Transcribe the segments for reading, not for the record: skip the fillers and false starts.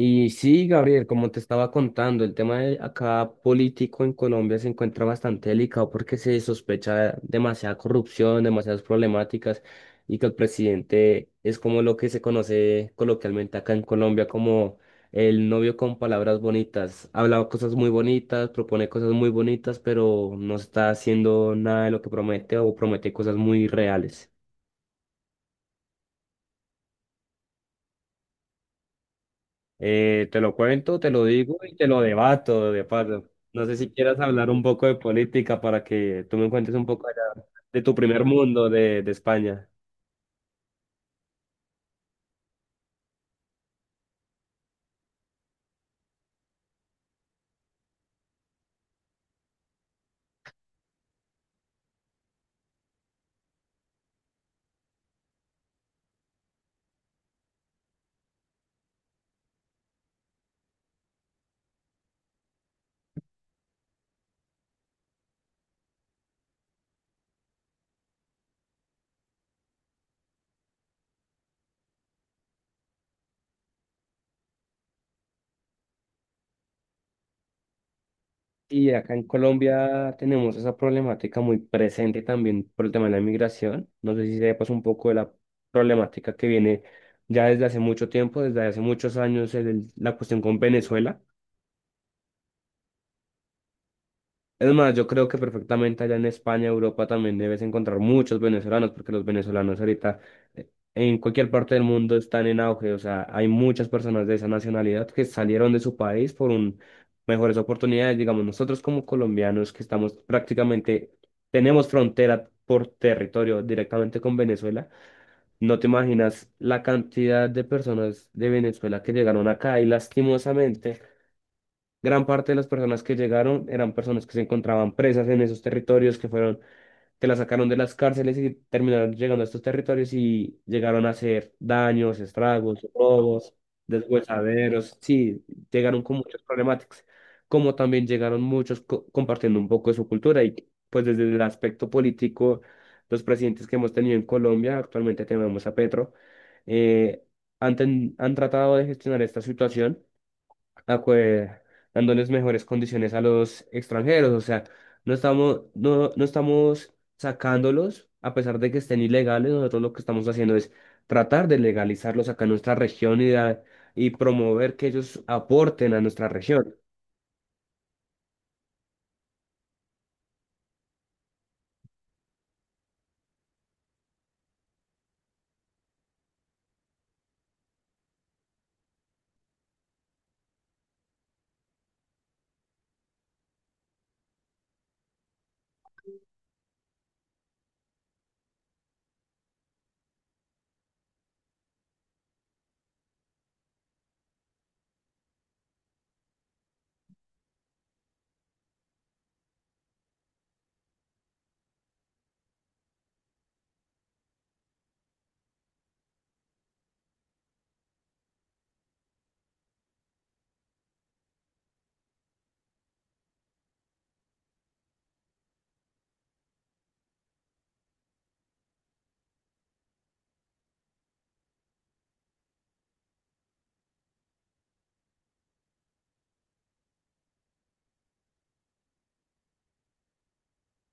Y sí, Gabriel, como te estaba contando, el tema de acá político en Colombia se encuentra bastante delicado porque se sospecha demasiada corrupción, demasiadas problemáticas y que el presidente es como lo que se conoce coloquialmente acá en Colombia como el novio con palabras bonitas. Habla cosas muy bonitas, propone cosas muy bonitas, pero no está haciendo nada de lo que promete o promete cosas muy reales. Te lo cuento, te lo digo y te lo debato de paso. No sé si quieras hablar un poco de política para que tú me cuentes un poco allá de tu primer mundo de España. Y acá en Colombia tenemos esa problemática muy presente también por el tema de la inmigración. No sé si sepas un poco de la problemática que viene ya desde hace mucho tiempo, desde hace muchos años, la cuestión con Venezuela. Es más, yo creo que perfectamente allá en España, Europa, también debes encontrar muchos venezolanos, porque los venezolanos ahorita en cualquier parte del mundo están en auge. O sea, hay muchas personas de esa nacionalidad que salieron de su país por mejores oportunidades. Digamos, nosotros como colombianos que estamos prácticamente, tenemos frontera por territorio directamente con Venezuela, no te imaginas la cantidad de personas de Venezuela que llegaron acá y lastimosamente. Gran parte de las personas que llegaron eran personas que se encontraban presas en esos territorios, que fueron, que las sacaron de las cárceles y terminaron llegando a estos territorios y llegaron a hacer daños, estragos, robos, deshuesaderos. Sí, llegaron con muchas problemáticas, como también llegaron muchos compartiendo un poco de su cultura y pues desde el aspecto político, los presidentes que hemos tenido en Colombia, actualmente tenemos a Petro, eh, han tratado de gestionar esta situación acue- dándoles mejores condiciones a los extranjeros. O sea, no estamos sacándolos, a pesar de que estén ilegales, nosotros lo que estamos haciendo es tratar de legalizarlos acá en nuestra región y, y promover que ellos aporten a nuestra región.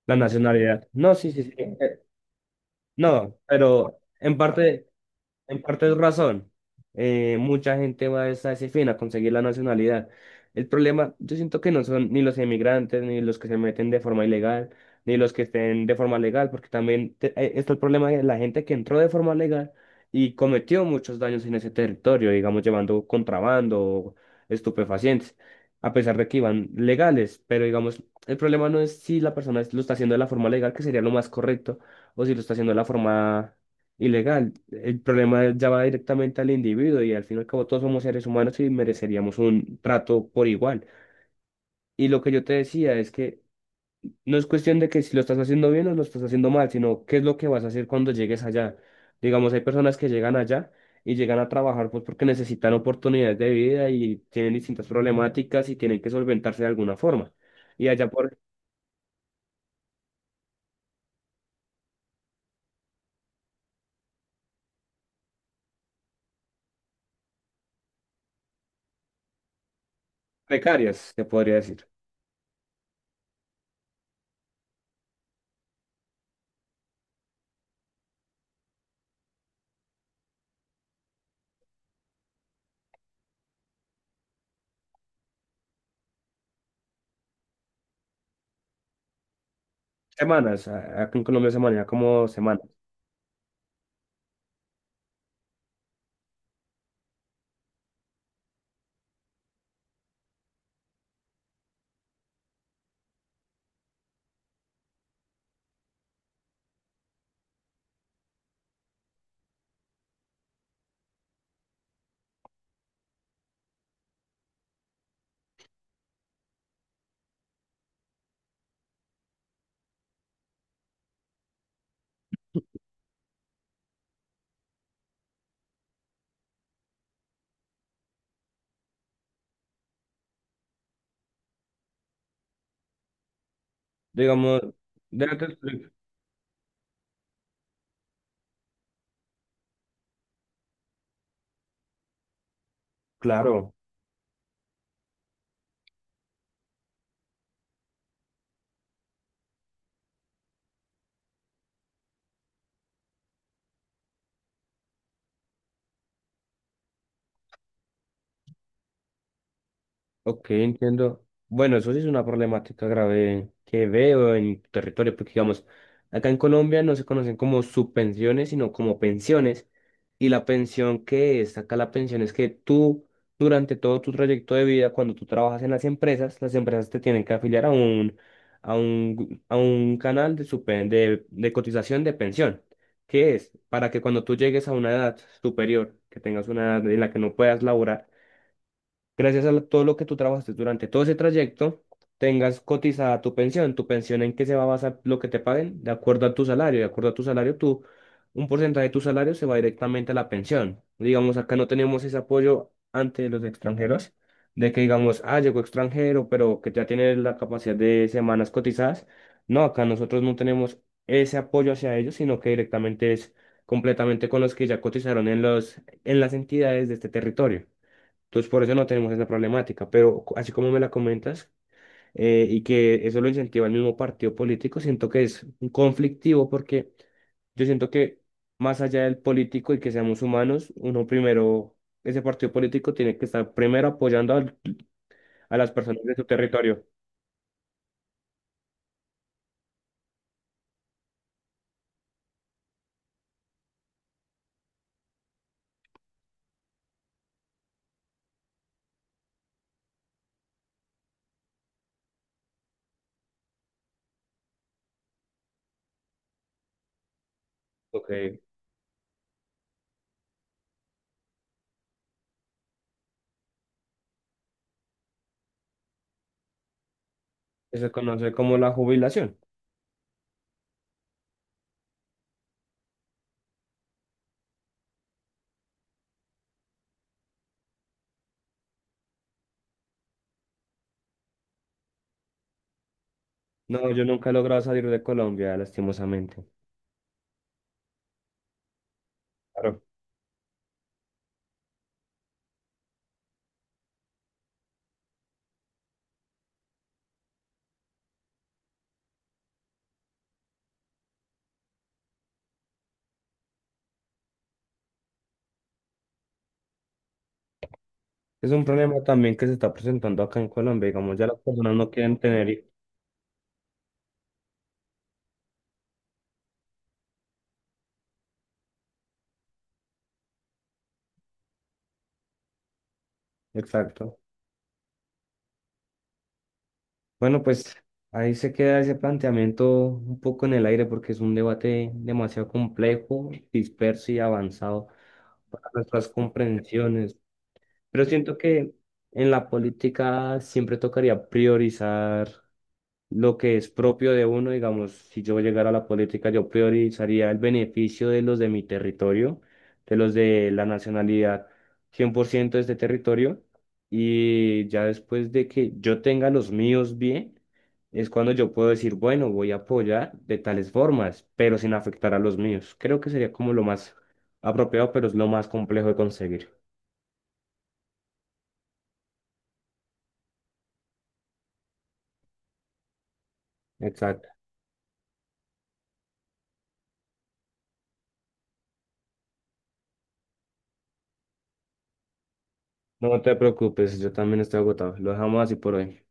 La nacionalidad. No, sí, sí, sí. No, pero en parte. En parte es razón. Mucha gente va a a ese fin, a conseguir la nacionalidad. El problema, yo siento que no son ni los inmigrantes ni los que se meten de forma ilegal, ni los que estén de forma legal, porque también está el problema de la gente que entró de forma legal y cometió muchos daños en ese territorio, digamos, llevando contrabando o estupefacientes, a pesar de que iban legales. Pero, digamos, el problema no es si la persona lo está haciendo de la forma legal, que sería lo más correcto, o si lo está haciendo de la forma ilegal. El problema ya va directamente al individuo y al fin y al cabo todos somos seres humanos y mereceríamos un trato por igual. Y lo que yo te decía es que no es cuestión de que si lo estás haciendo bien o lo estás haciendo mal, sino qué es lo que vas a hacer cuando llegues allá. Digamos, hay personas que llegan allá y llegan a trabajar pues porque necesitan oportunidades de vida y tienen distintas problemáticas y tienen que solventarse de alguna forma. Y allá por precarias, se podría decir. Semanas, acá en Colombia se maneja como semanas. Digamos, déjate explico. Claro, ok, entiendo. Bueno, eso sí es una problemática grave que veo en tu territorio, porque digamos, acá en Colombia no se conocen como subpensiones, sino como pensiones. Y la pensión que es acá, la pensión es que tú, durante todo tu trayecto de vida, cuando tú trabajas en las empresas te tienen que afiliar a un canal de cotización de pensión, que es para que cuando tú llegues a una edad superior, que tengas una edad en la que no puedas laborar, gracias a todo lo que tú trabajaste durante todo ese trayecto, tengas cotizada tu pensión en qué se va a basar lo que te paguen, de acuerdo a tu salario, de acuerdo a tu salario, tú, un porcentaje de tu salario se va directamente a la pensión. Digamos, acá no tenemos ese apoyo ante los extranjeros, de que digamos, ah, llegó extranjero, pero que ya tiene la capacidad de semanas cotizadas. No, acá nosotros no tenemos ese apoyo hacia ellos, sino que directamente es completamente con los que ya cotizaron en los, en las entidades de este territorio. Entonces, por eso no tenemos esa problemática, pero así como me la comentas, y que eso lo incentiva el mismo partido político, siento que es un conflictivo porque yo siento que más allá del político y que seamos humanos, uno primero, ese partido político tiene que estar primero apoyando a las personas de su territorio. Ok, eso se conoce como la jubilación. No, yo nunca he logrado salir de Colombia, lastimosamente. Claro. Es un problema también que se está presentando acá en Colombia, digamos, ya las personas no quieren tener... Exacto. Bueno, pues ahí se queda ese planteamiento un poco en el aire porque es un debate demasiado complejo, disperso y avanzado para nuestras comprensiones. Pero siento que en la política siempre tocaría priorizar lo que es propio de uno, digamos, si yo llegara a la política, yo priorizaría el beneficio de los de mi territorio, de los de la nacionalidad 100% de este territorio, y ya después de que yo tenga los míos bien, es cuando yo puedo decir, bueno, voy a apoyar de tales formas, pero sin afectar a los míos. Creo que sería como lo más apropiado, pero es lo más complejo de conseguir. Exacto. No te preocupes, yo también estoy agotado. Lo dejamos así por hoy.